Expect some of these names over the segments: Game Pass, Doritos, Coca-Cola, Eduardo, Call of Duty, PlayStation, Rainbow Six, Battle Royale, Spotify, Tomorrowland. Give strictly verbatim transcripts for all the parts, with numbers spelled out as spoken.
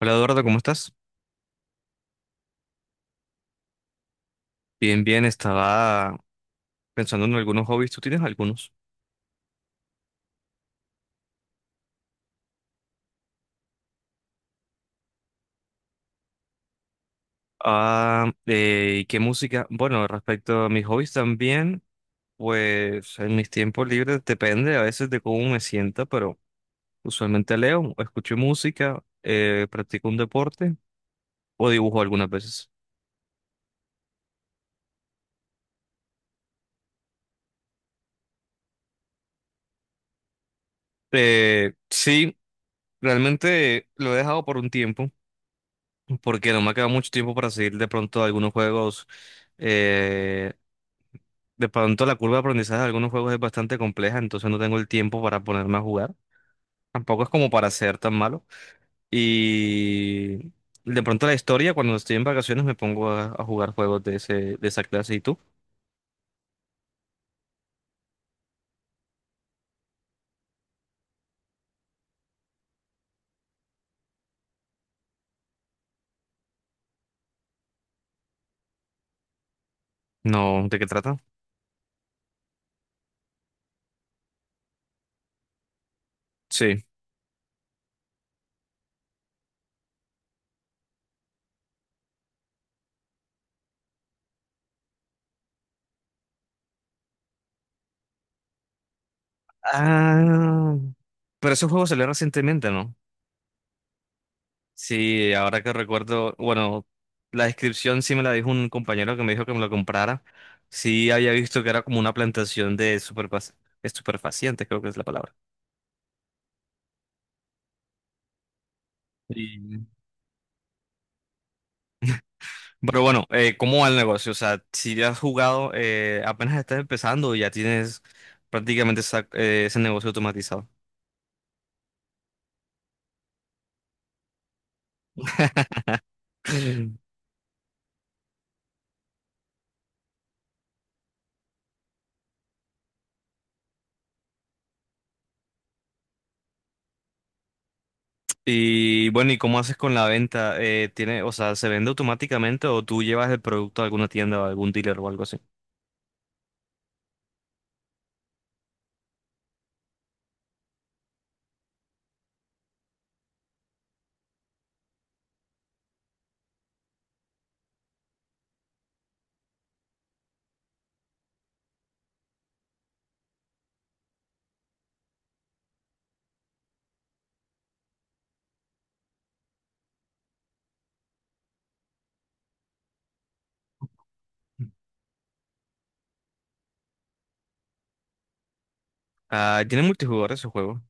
Hola Eduardo, ¿cómo estás? Bien, bien, estaba pensando en algunos hobbies, ¿tú tienes algunos? Ah, eh, ¿y qué música? Bueno, respecto a mis hobbies también, pues en mis tiempos libres depende a veces de cómo me sienta, pero usualmente leo, escucho música, eh, practico un deporte o dibujo algunas veces. Eh, sí, realmente lo he dejado por un tiempo, porque no me ha quedado mucho tiempo para seguir de pronto algunos juegos. eh, De pronto la curva de aprendizaje de algunos juegos es bastante compleja, entonces no tengo el tiempo para ponerme a jugar. Tampoco es como para ser tan malo. Y de pronto la historia, cuando estoy en vacaciones, me pongo a, a jugar juegos de ese, de esa clase. ¿Y tú? No, ¿de qué trata? Sí. Ah, pero esos juegos salieron recientemente, ¿no? Sí, ahora que recuerdo, bueno, la descripción sí me la dijo un compañero que me dijo que me lo comprara. Sí, había visto que era como una plantación de superfac- estupefacientes, creo que es la palabra. Sí. Pero bueno, eh, ¿cómo va el negocio? O sea, si ya has jugado, eh, apenas estás empezando y ya tienes prácticamente esa- eh, ese negocio automatizado. Mm. Y bueno, ¿y cómo haces con la venta? Eh, tiene, o sea, ¿se vende automáticamente o tú llevas el producto a alguna tienda o a algún dealer o algo así? Ah, tiene multijugador ese juego.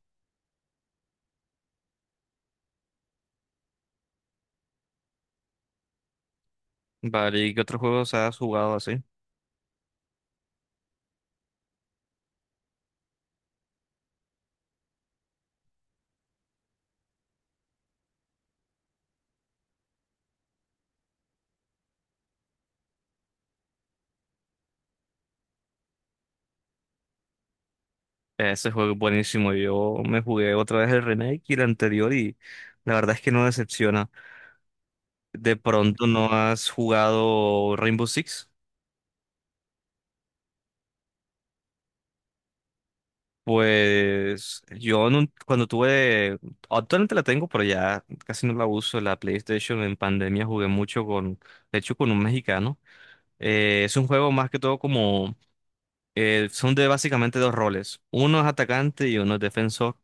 Vale, ¿y qué otros juegos has jugado así? Ese juego es buenísimo. Yo me jugué otra vez el remake y el anterior y la verdad es que no decepciona. ¿De pronto no has jugado Rainbow Six? Pues yo en un- cuando tuve, actualmente la tengo, pero ya casi no la uso, la PlayStation en pandemia jugué mucho con, de hecho con un mexicano. Eh, es un juego más que todo como, eh, son de básicamente dos roles, uno es atacante y uno es defensor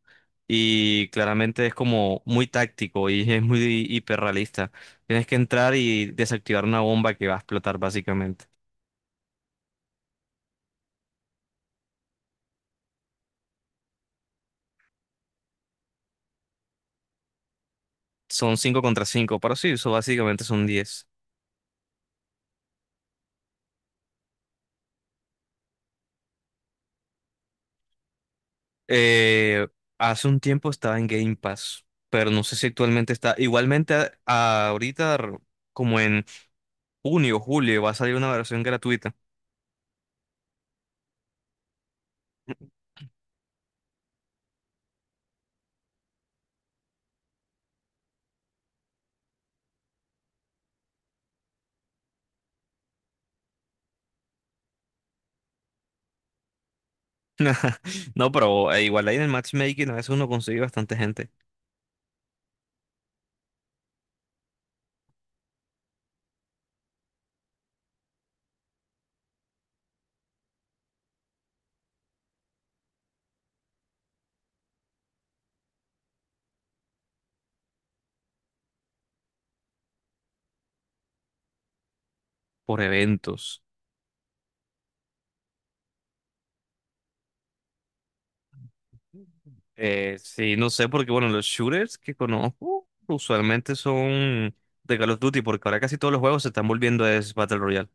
y claramente es como muy táctico y es muy hiperrealista. Tienes que entrar y desactivar una bomba que va a explotar básicamente. Son cinco contra cinco, pero sí, eso básicamente son diez. Eh, Hace un tiempo estaba en Game Pass, pero no sé si actualmente está. Igualmente, a- ahorita, r- como en junio o julio, va a salir una versión gratuita. No, pero eh, igual ahí en el matchmaking a veces uno consigue bastante gente por eventos. Eh, sí, no sé, porque bueno, los shooters que conozco usualmente son de Call of Duty, porque ahora casi todos los juegos se están volviendo es Battle Royale.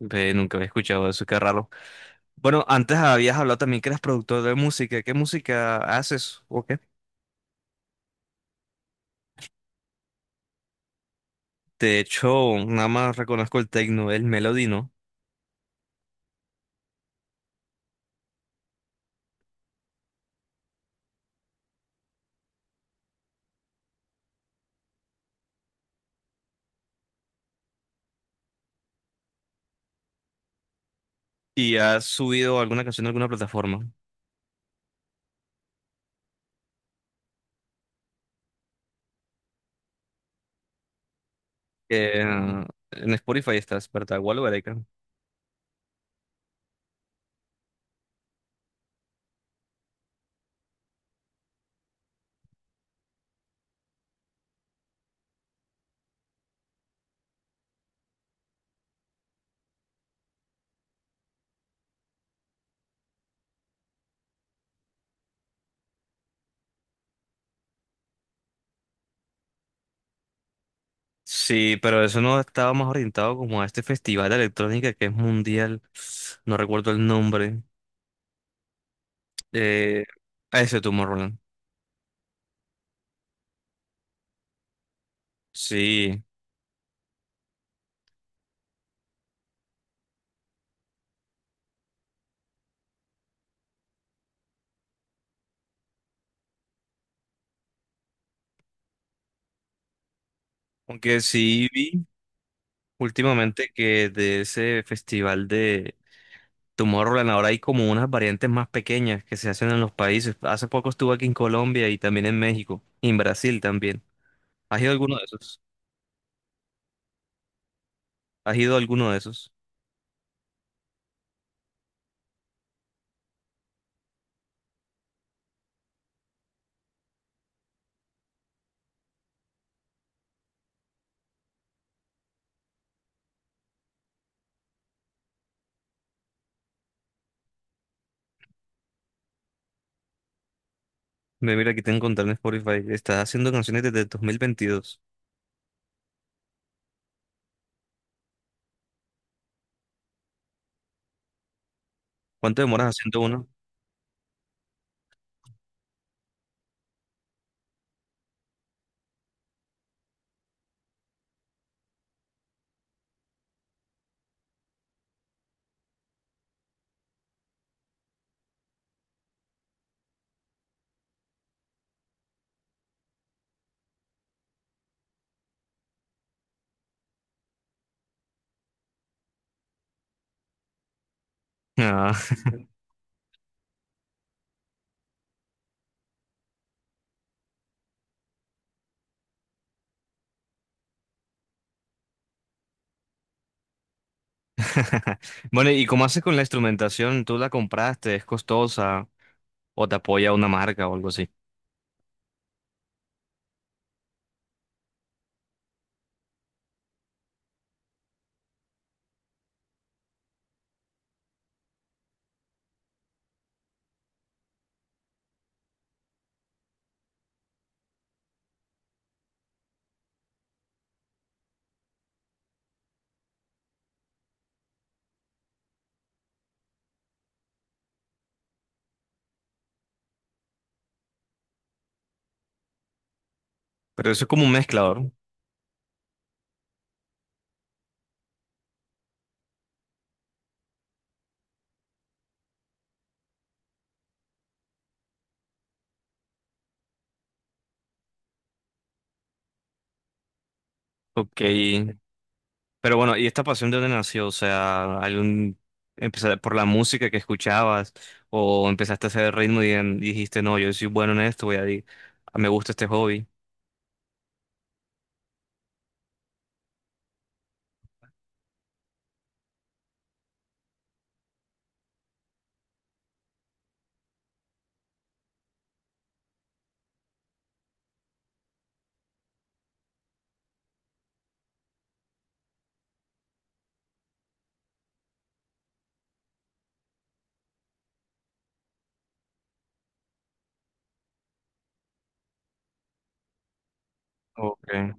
Ve, nunca había escuchado eso, qué raro. Bueno, antes habías hablado también que eras productor de música. ¿Qué música haces? Ok. De hecho, nada más reconozco el techno, el Melody, ¿no? Y has subido alguna canción a alguna plataforma. Eh, en Spotify estás, ¿verdad? Igual o Gareca. Sí, pero eso no estaba más orientado como a este festival de electrónica que es mundial. No recuerdo el nombre. Eh, a ese Tomorrowland. Sí, aunque sí vi últimamente que de ese festival de Tomorrowland ahora hay como unas variantes más pequeñas que se hacen en los países. Hace poco estuve aquí en Colombia y también en México y en Brasil también. ¿Has ido a alguno de esos? ¿Has ido a alguno de esos? Me mira aquí te encontré en Spotify. Estás haciendo canciones desde el dos mil veintidós. ¿Cuánto demoras haciendo uno? Ah. Bueno, ¿y cómo haces con la instrumentación? ¿Tú la compraste? ¿Es costosa? ¿O te apoya una marca o algo así? Pero eso es como un mezclador. Ok. Pero bueno, ¿y esta pasión de dónde nació? O sea, algún empezar por la música que escuchabas o empezaste a hacer ritmo y, en- dijiste, no, yo soy bueno en esto, voy a, di- me gusta este hobby. Okay.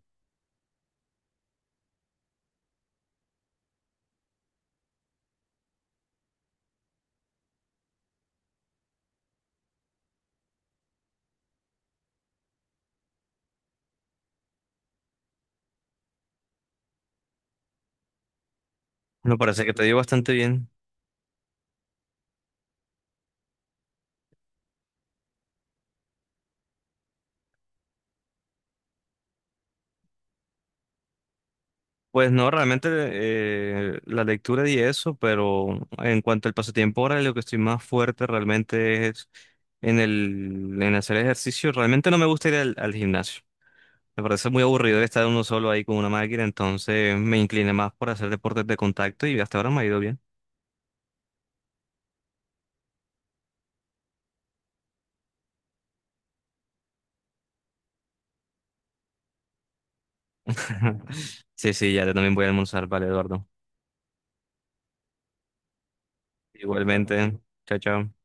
Me parece que te dio bastante bien. Pues no, realmente eh, la lectura y eso, pero en cuanto al pasatiempo ahora, lo que estoy más fuerte realmente es en el en hacer ejercicio. Realmente no me gusta ir al, al gimnasio. Me parece muy aburrido estar uno solo ahí con una máquina, entonces me incliné más por hacer deportes de contacto y hasta ahora me ha ido bien. Sí, sí, ya yo también voy a almorzar, vale, Eduardo. Igualmente, chao, chao.